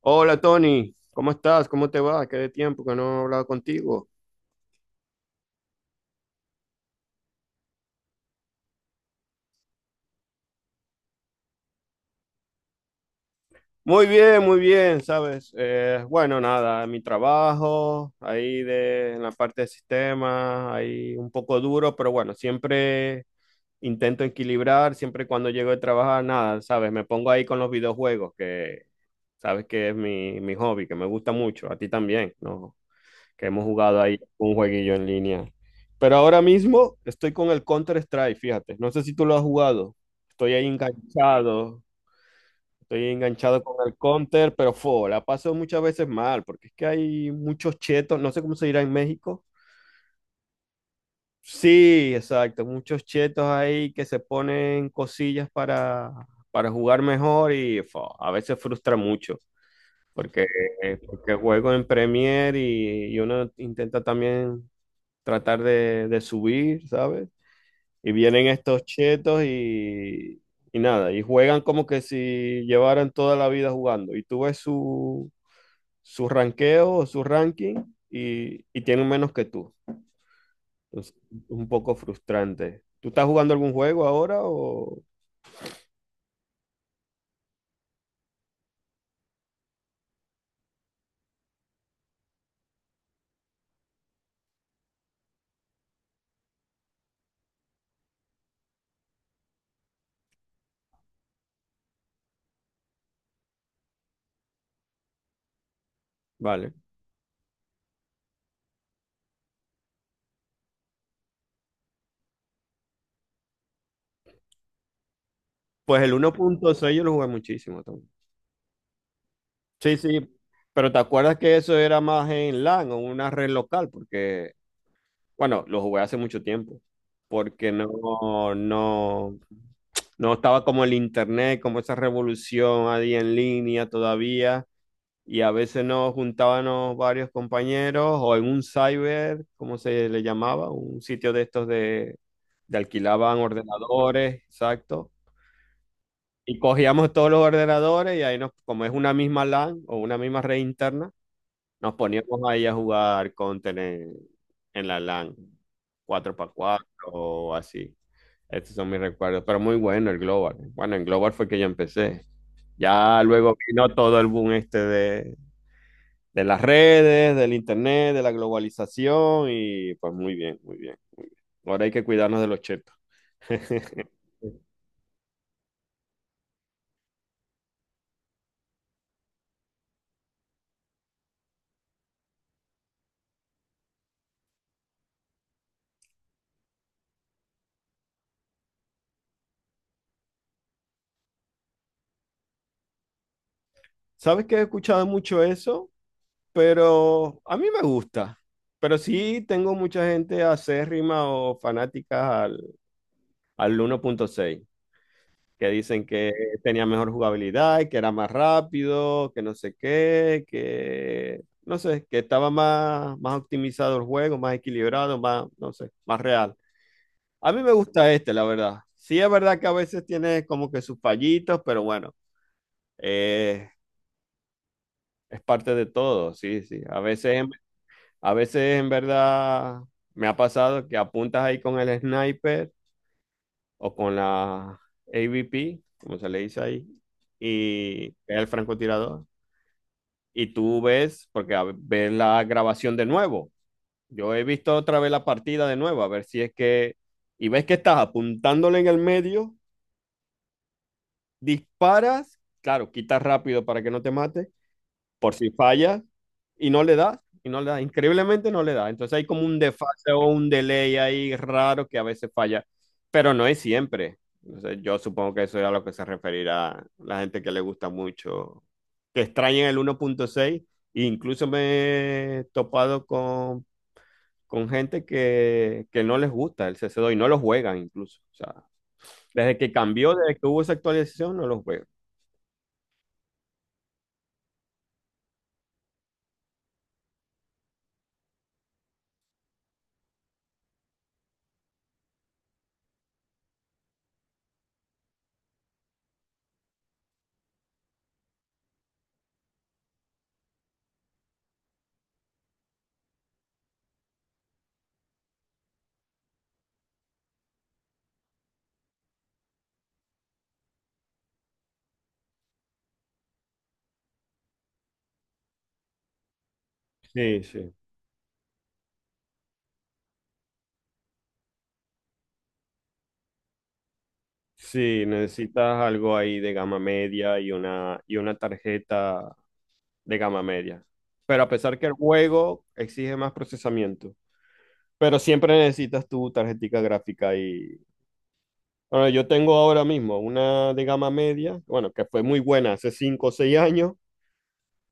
Hola Tony, ¿cómo estás? ¿Cómo te va? Qué de tiempo que no he hablado contigo. Muy bien, ¿sabes? Bueno, nada, mi trabajo, en la parte de sistemas, ahí un poco duro, pero bueno, siempre intento equilibrar, siempre cuando llego de trabajar, nada, ¿sabes? Me pongo ahí con los videojuegos, que sabes que es mi hobby, que me gusta mucho, a ti también, ¿no? Que hemos jugado ahí un jueguillo en línea. Pero ahora mismo estoy con el Counter-Strike, fíjate. No sé si tú lo has jugado. Estoy ahí enganchado. Estoy enganchado con el Counter, pero fo, la paso muchas veces mal, porque es que hay muchos chetos, no sé cómo se dirá en México. Sí, exacto, muchos chetos ahí que se ponen cosillas para jugar mejor y fo, a veces frustra mucho, porque, porque juego en Premier y uno intenta también tratar de subir, ¿sabes? Y vienen estos chetos y nada, y juegan como que si llevaran toda la vida jugando. Y tú ves su, su ranqueo o su ranking y tienen menos que tú. Entonces, un poco frustrante. ¿Tú estás jugando algún juego ahora o...? Vale. Pues el 1.6 yo lo jugué muchísimo también. Sí, sí, pero ¿te acuerdas que eso era más en LAN o una red local? Porque bueno, lo jugué hace mucho tiempo, porque no estaba como el internet, como esa revolución ahí en línea todavía, y a veces nos juntábamos varios compañeros o en un cyber, como se le llamaba, un sitio de estos de alquilaban ordenadores, exacto, y cogíamos todos los ordenadores y ahí nos, como es una misma LAN o una misma red interna, nos poníamos ahí a jugar Counter en la LAN, 4x4 o así. Estos son mis recuerdos, pero muy bueno el Global. Bueno, en Global fue que yo empecé. Ya luego vino todo el boom este de las redes, del internet, de la globalización y pues muy bien, muy bien, muy bien. Ahora hay que cuidarnos de los chetos. ¿Sabes que he escuchado mucho eso? Pero a mí me gusta. Pero sí tengo mucha gente acérrima o fanática al, al 1.6, que dicen que tenía mejor jugabilidad, y que era más rápido, que no sé qué, que no sé, que estaba más, más optimizado el juego, más equilibrado, más, no sé, más real. A mí me gusta este, la verdad. Sí es verdad que a veces tiene como que sus fallitos, pero bueno, eh, es parte de todo, sí, sí. A veces es... A veces en verdad me ha pasado que apuntas ahí con el sniper o con la A V P, como se le dice ahí, y el francotirador. Y tú ves, porque ves la grabación de nuevo. Yo he visto otra vez la partida de nuevo, a ver si es que... Y ves que estás apuntándole en el medio, disparas, claro, quitas rápido para que no te mate por si falla y no le da, y no le da, increíblemente no le da. Entonces hay como un desfase o un delay ahí raro que a veces falla, pero no es siempre. Entonces yo supongo que eso es a lo que se referirá la gente que le gusta mucho, que extraña el 1.6. E incluso me he topado con gente que no les gusta el cc dos y no lo juegan incluso. O sea, desde que cambió, desde que hubo esa actualización, no lo juegan. Sí, sí. Sí, necesitas algo ahí de gama media y una tarjeta de gama media. Pero a pesar que el juego exige más procesamiento, pero siempre necesitas tu tarjetica gráfica y... Bueno, yo tengo ahora mismo una de gama media, bueno, que fue muy buena hace 5 o 6 años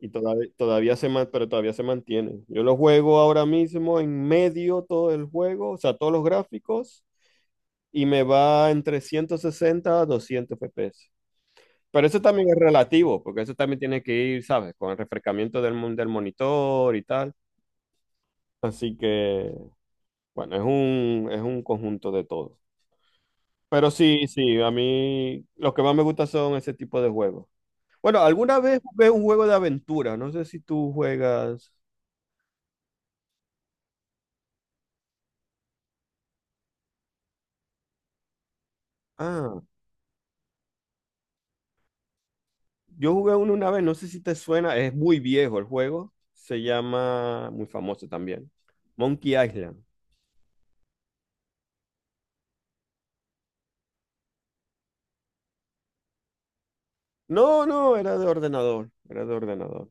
y todavía, todavía se, pero todavía se mantiene. Yo lo juego ahora mismo en medio todo el juego, o sea, todos los gráficos y me va entre 160 a 200 FPS. Pero eso también es relativo, porque eso también tiene que ir, ¿sabes? Con el refrescamiento del, del monitor y tal. Así que, bueno, es un conjunto de todo. Pero sí, sí, a mí lo que más me gusta son ese tipo de juegos. Bueno, alguna vez jugué un juego de aventura, no sé si tú juegas. Ah, yo jugué uno una vez, no sé si te suena, es muy viejo el juego, se llama, muy famoso también, Monkey Island. No, no, era de ordenador, era de ordenador.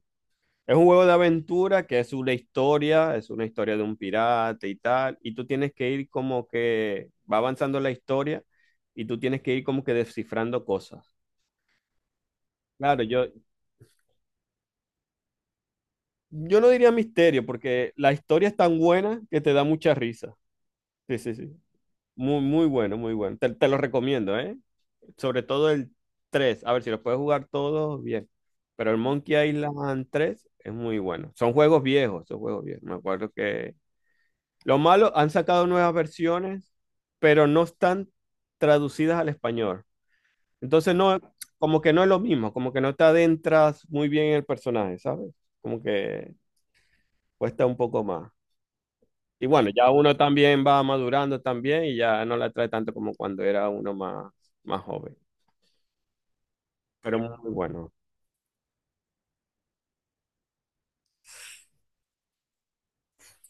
Es un juego de aventura que es una historia de un pirata y tal, y tú tienes que ir como que va avanzando la historia y tú tienes que ir como que descifrando cosas. Claro, yo no diría misterio porque la historia es tan buena que te da mucha risa. Sí, sí, sí. Muy, muy bueno, muy bueno. Te lo recomiendo, ¿eh? Sobre todo el 3. A ver si lo puedes jugar todos bien. Pero el Monkey Island 3 es muy bueno. Son juegos viejos, son juegos viejos. Me acuerdo que lo malo, han sacado nuevas versiones, pero no están traducidas al español. Entonces, no, como que no es lo mismo, como que no te adentras muy bien en el personaje, ¿sabes? Como que cuesta un poco más. Y bueno, ya uno también va madurando también y ya no la trae tanto como cuando era uno más, más joven. Pero muy bueno.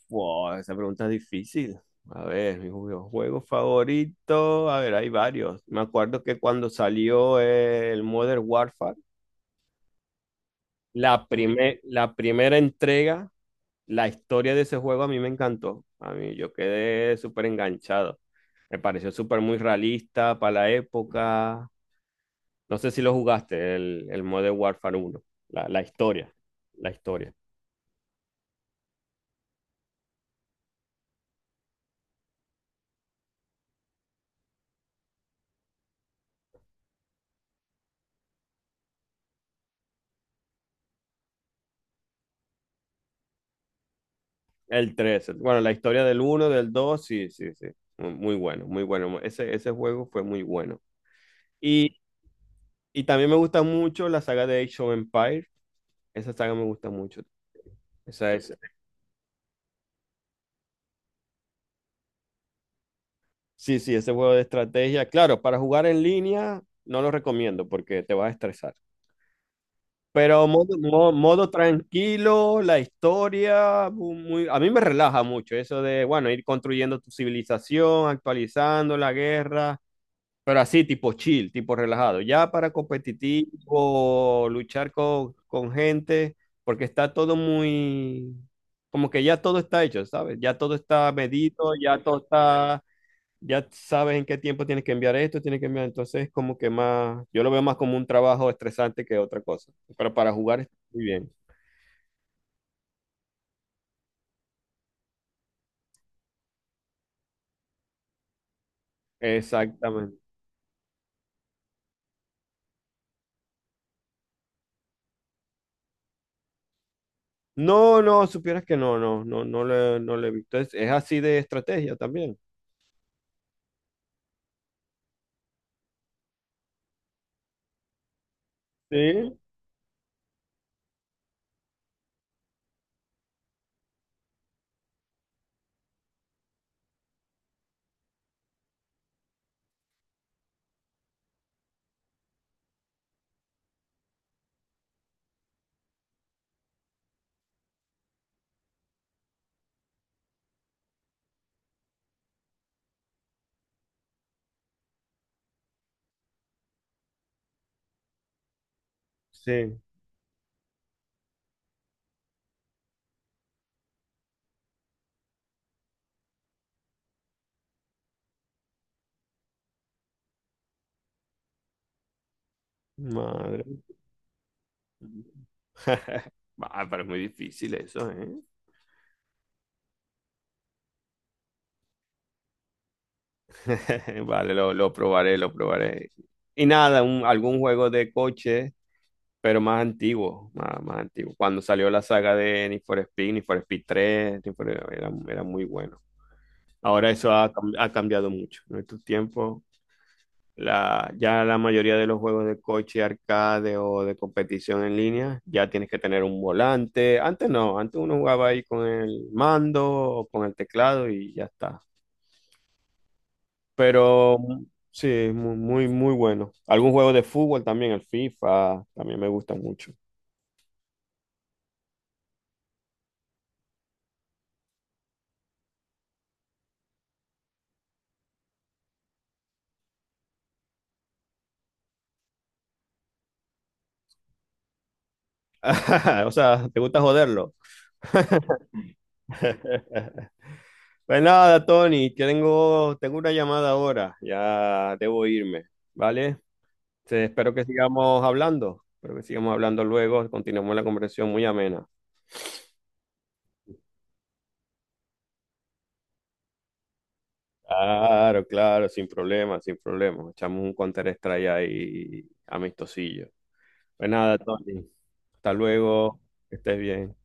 Wow, esa pregunta es difícil. A ver, mi juego favorito. A ver, hay varios. Me acuerdo que cuando salió el Modern Warfare, la primera entrega, la historia de ese juego a mí me encantó. A mí yo quedé súper enganchado. Me pareció súper muy realista para la época. No sé si lo jugaste, el Modern Warfare uno la, la historia, la historia. El tres bueno, la historia del uno del 2 sí, sí, sí. Muy, muy bueno, muy bueno. Ese juego fue muy bueno. Y, y también me gusta mucho la saga de Age of Empires. Esa saga me gusta mucho. Esa es... Sí, sí, ese juego de estrategia. Claro, para jugar en línea no lo recomiendo porque te vas a estresar. Pero modo tranquilo, la historia, mu- muy, a mí me relaja mucho eso de, bueno, ir construyendo tu civilización, actualizando la guerra, pero así tipo chill, tipo relajado. Ya para competitivo, luchar con gente, porque está todo muy, como que ya todo está hecho, ¿sabes? Ya todo está medido, ya todo está... Ya sabes en qué tiempo tienes que enviar esto, tienes que enviar, entonces es como que más, yo lo veo más como un trabajo estresante que otra cosa, pero para jugar está muy bien. Exactamente. No, no, supieras que no, no, no, no le, no le he visto. Es así de estrategia también. Sí, sí. Madre. Ah, pero es muy difícil eso, ¿eh? Vale, lo probaré, lo probaré. Y nada, un- algún juego de coche pero más antiguo, más, más antiguo. Cuando salió la saga de Need for Speed 3, Need for- era, era muy bueno. Ahora eso ha, ha cambiado mucho. En estos tiempos, la, ya la mayoría de los juegos de coche, arcade o de competición en línea, ya tienes que tener un volante. Antes no, antes uno jugaba ahí con el mando o con el teclado y ya está. Pero sí, muy, muy, muy bueno. Algún juego de fútbol también, el FIFA, también me gusta mucho. O sea, ¿te gusta joderlo? Pues nada, Tony, que tengo, tengo una llamada ahora, ya debo irme, ¿vale? Espero que sigamos hablando, espero que sigamos hablando luego, continuemos la conversación muy amena. Claro, claro, sin problema, sin problema. Echamos un counter strike ahí amistosillo. Pues nada, Tony, hasta luego, que estés bien.